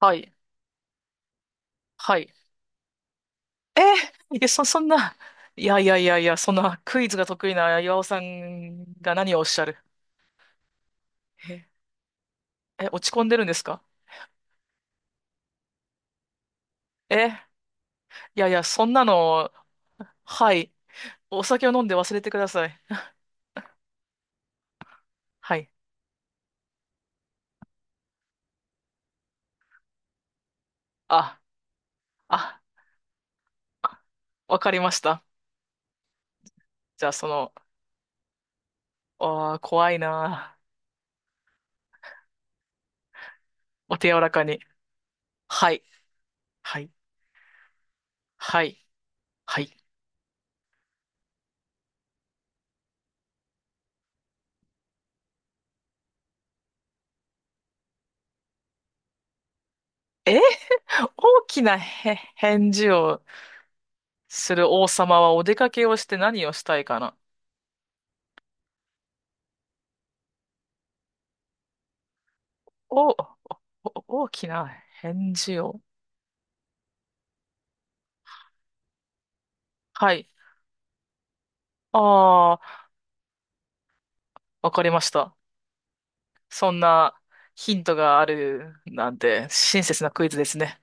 はい。はい。えいや、そんな、いやいやいやいや、そんなクイズが得意な岩尾さんが何をおっしゃる。え、え、落ち込んでるんですか？え、いやいや、そんなの、はい。お酒を飲んで忘れてください。はい。あ、あ、あわかりました。じゃあ、その、あー、怖いな。お手柔らかに。はい。はい。はい。はい。え大きな返事をする王様はお出かけをして何をしたいかな？お、大きな返事を。はい。ああ、わかりました。そんなヒントがあるなんて親切なクイズですね。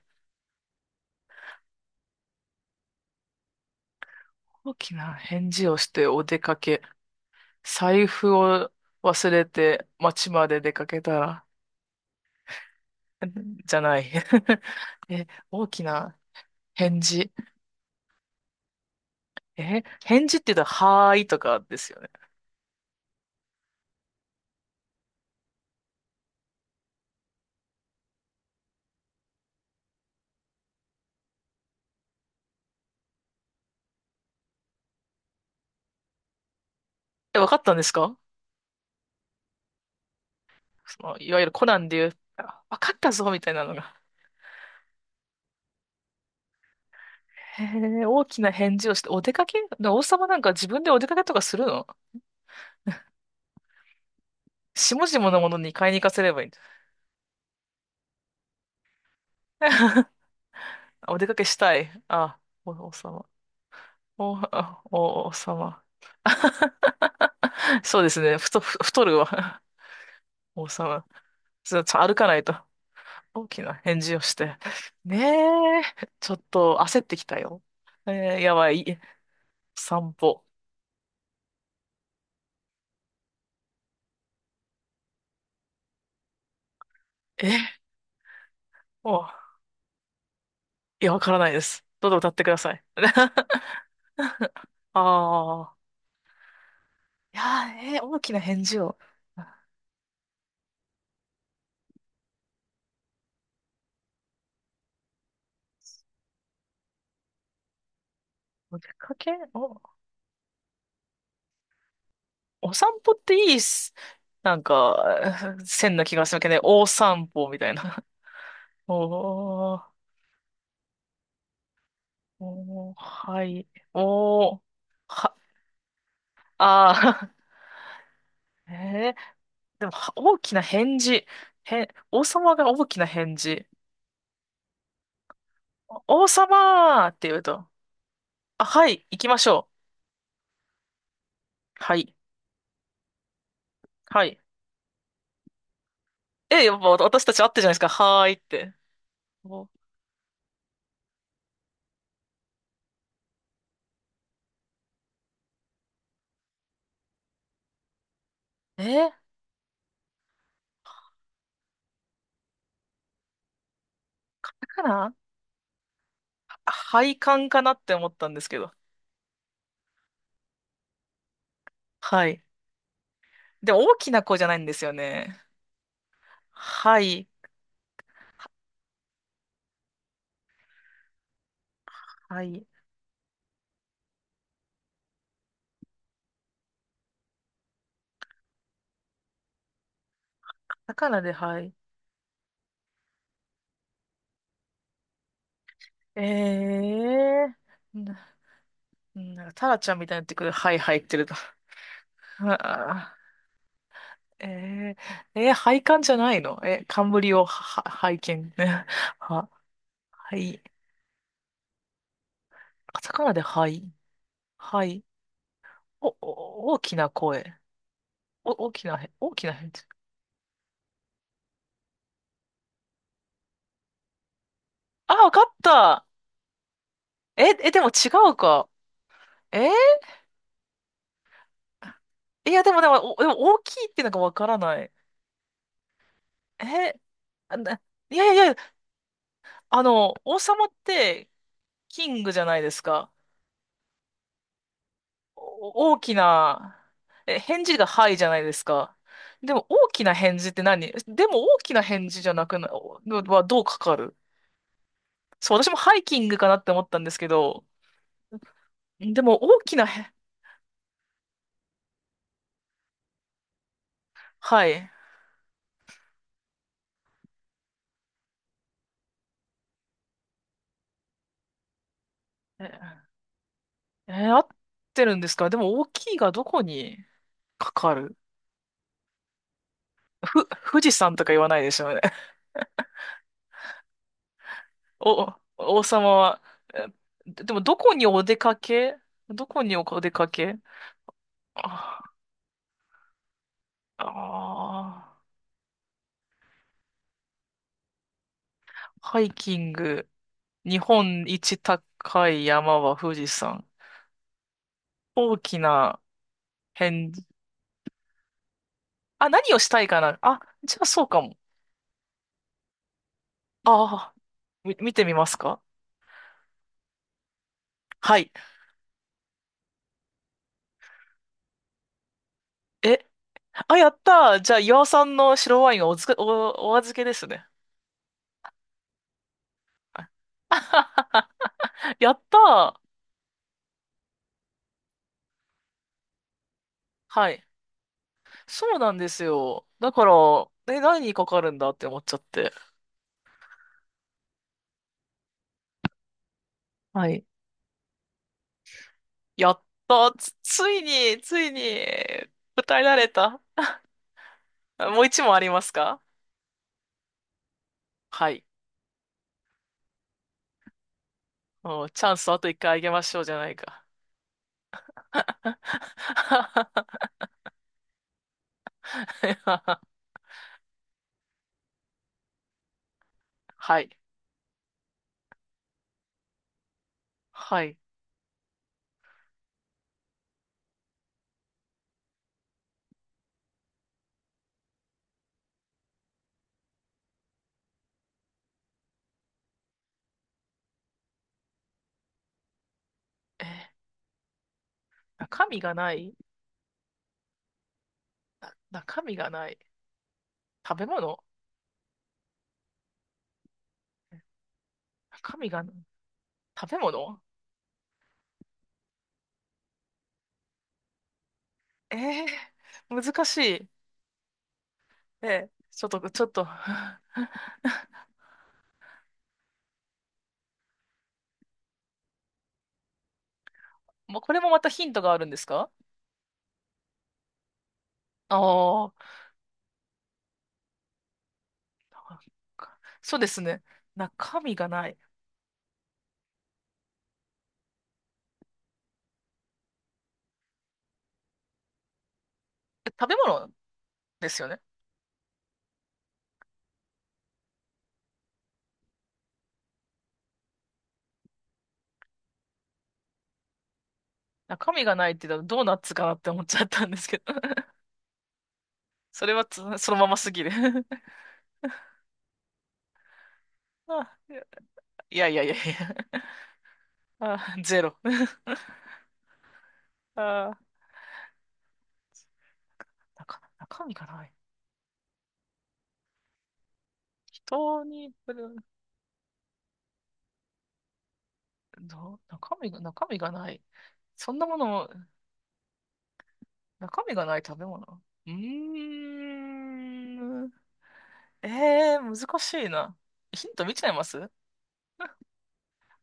大きな返事をしてお出かけ。財布を忘れて街まで出かけたら、じゃない。大きな返事。返事って言うと、はーいとかですよね。え、わかったんですか？その、いわゆるコナンで言う、あわかったぞみたいなのが。へえ、大きな返事をして、お出かけで王様なんか自分でお出かけとかするの？下々のものに買いに行かせればいいんだ。あお出かけしたい。あ、お王様。お、あお王様。そうですね。太るわ。王様。ちょっと歩かないと。大きな返事をして。ねえ。ちょっと焦ってきたよ。えやばい。散歩。え、いや、わからないです。どうぞ歌ってください。ああ。いやー、大きな返事を。お出かけ、お散歩っていいっす。なんか、線な気がするけどね。お散歩みたいな。おー、おー、はい。おー、は、あー。でも、大きな返事。へん、王様が大きな返事。王様って言うと、あ、はい、行きましょう。はい、はい。やっぱ私たち会ってるじゃないですか。はーいって。おえー、だから、配管かなって思ったんですけど。はい。でも大きな子じゃないんですよね。はい。はい。魚で、はい。ええー。なんか、タラちゃんみたいになってくる。はい、入ってると。あーえ配管じゃないの冠を、は拝見。は、はい。カタカナで、はい。はい。大きな声。大きなへ、大きなへ。あ、わかった。でも違うか。えーいや、でも大きいってなんかわからない。え、あな、いやいやいや、王様ってキングじゃないですか。大きな、返事がはいじゃないですか。でも大きな返事って何？でも大きな返事じゃなくな、おはどうかかる？そう、私もハイキングかなって思ったんですけど、でも大きな、はい。え、えー合ってるんですか？でも大きいがどこにかかる？富士山とか言わないでしょ？王様は、えでもどこにお出かけ？どこにお出かけ？ああー、ハイキング。日本一高い山は富士山。大きな変、あ、何をしたいかなあ、じゃあそうかも。ああ、見てみますか？はい。え、あ、やったー。じゃあ、岩尾さんの白ワインはお預けですね。はい やったー。はい。そうなんですよ。だから、何にかかるんだって思っちゃって。はい。やった、ついに、ついに、答えられた。あもう一問ありますか？はい。うんチャンスあと一回あげましょうじゃないか。はい。はい。えー、中身がないな中身がない。食べ物中身がない。食べ物えー、難しい。ちょっと、ちょっと、もうこれもまたヒントがあるんですか？ああ、そうですね。中身がない。食べ物ですよね。中身がないって言ったらドーナツかなって思っちゃったんですけど。それはそのまますぎる。あ、いやいやいやいや。あ、ゼロ。あ、中身がない。人に、ぶるどう中身がない。そんなもの、中身がない食べ物。うーん。難しいな。ヒント見ちゃいます？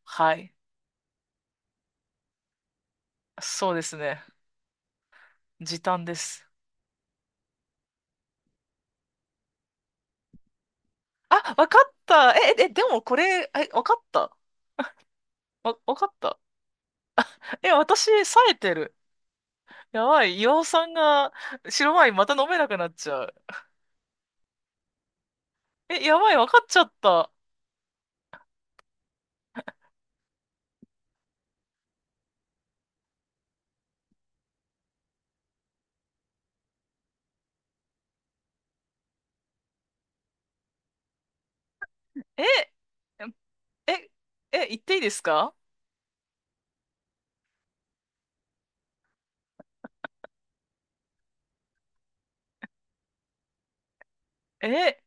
はい。そうですね。時短です。あ、わかった。でもこれ、わかった。わかった。え、私、冴えてる。やばい。岩尾さんが白ワインまた飲めなくなっちゃう。え、やばい。わかっちゃった。え、え、言っていいですか？え、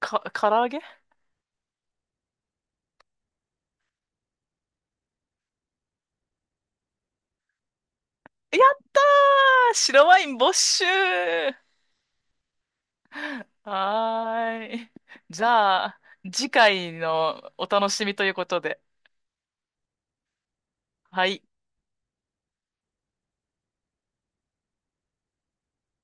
唐揚げ。やったー白ワイン没収はーい。じゃあ、次回のお楽しみということで。はい。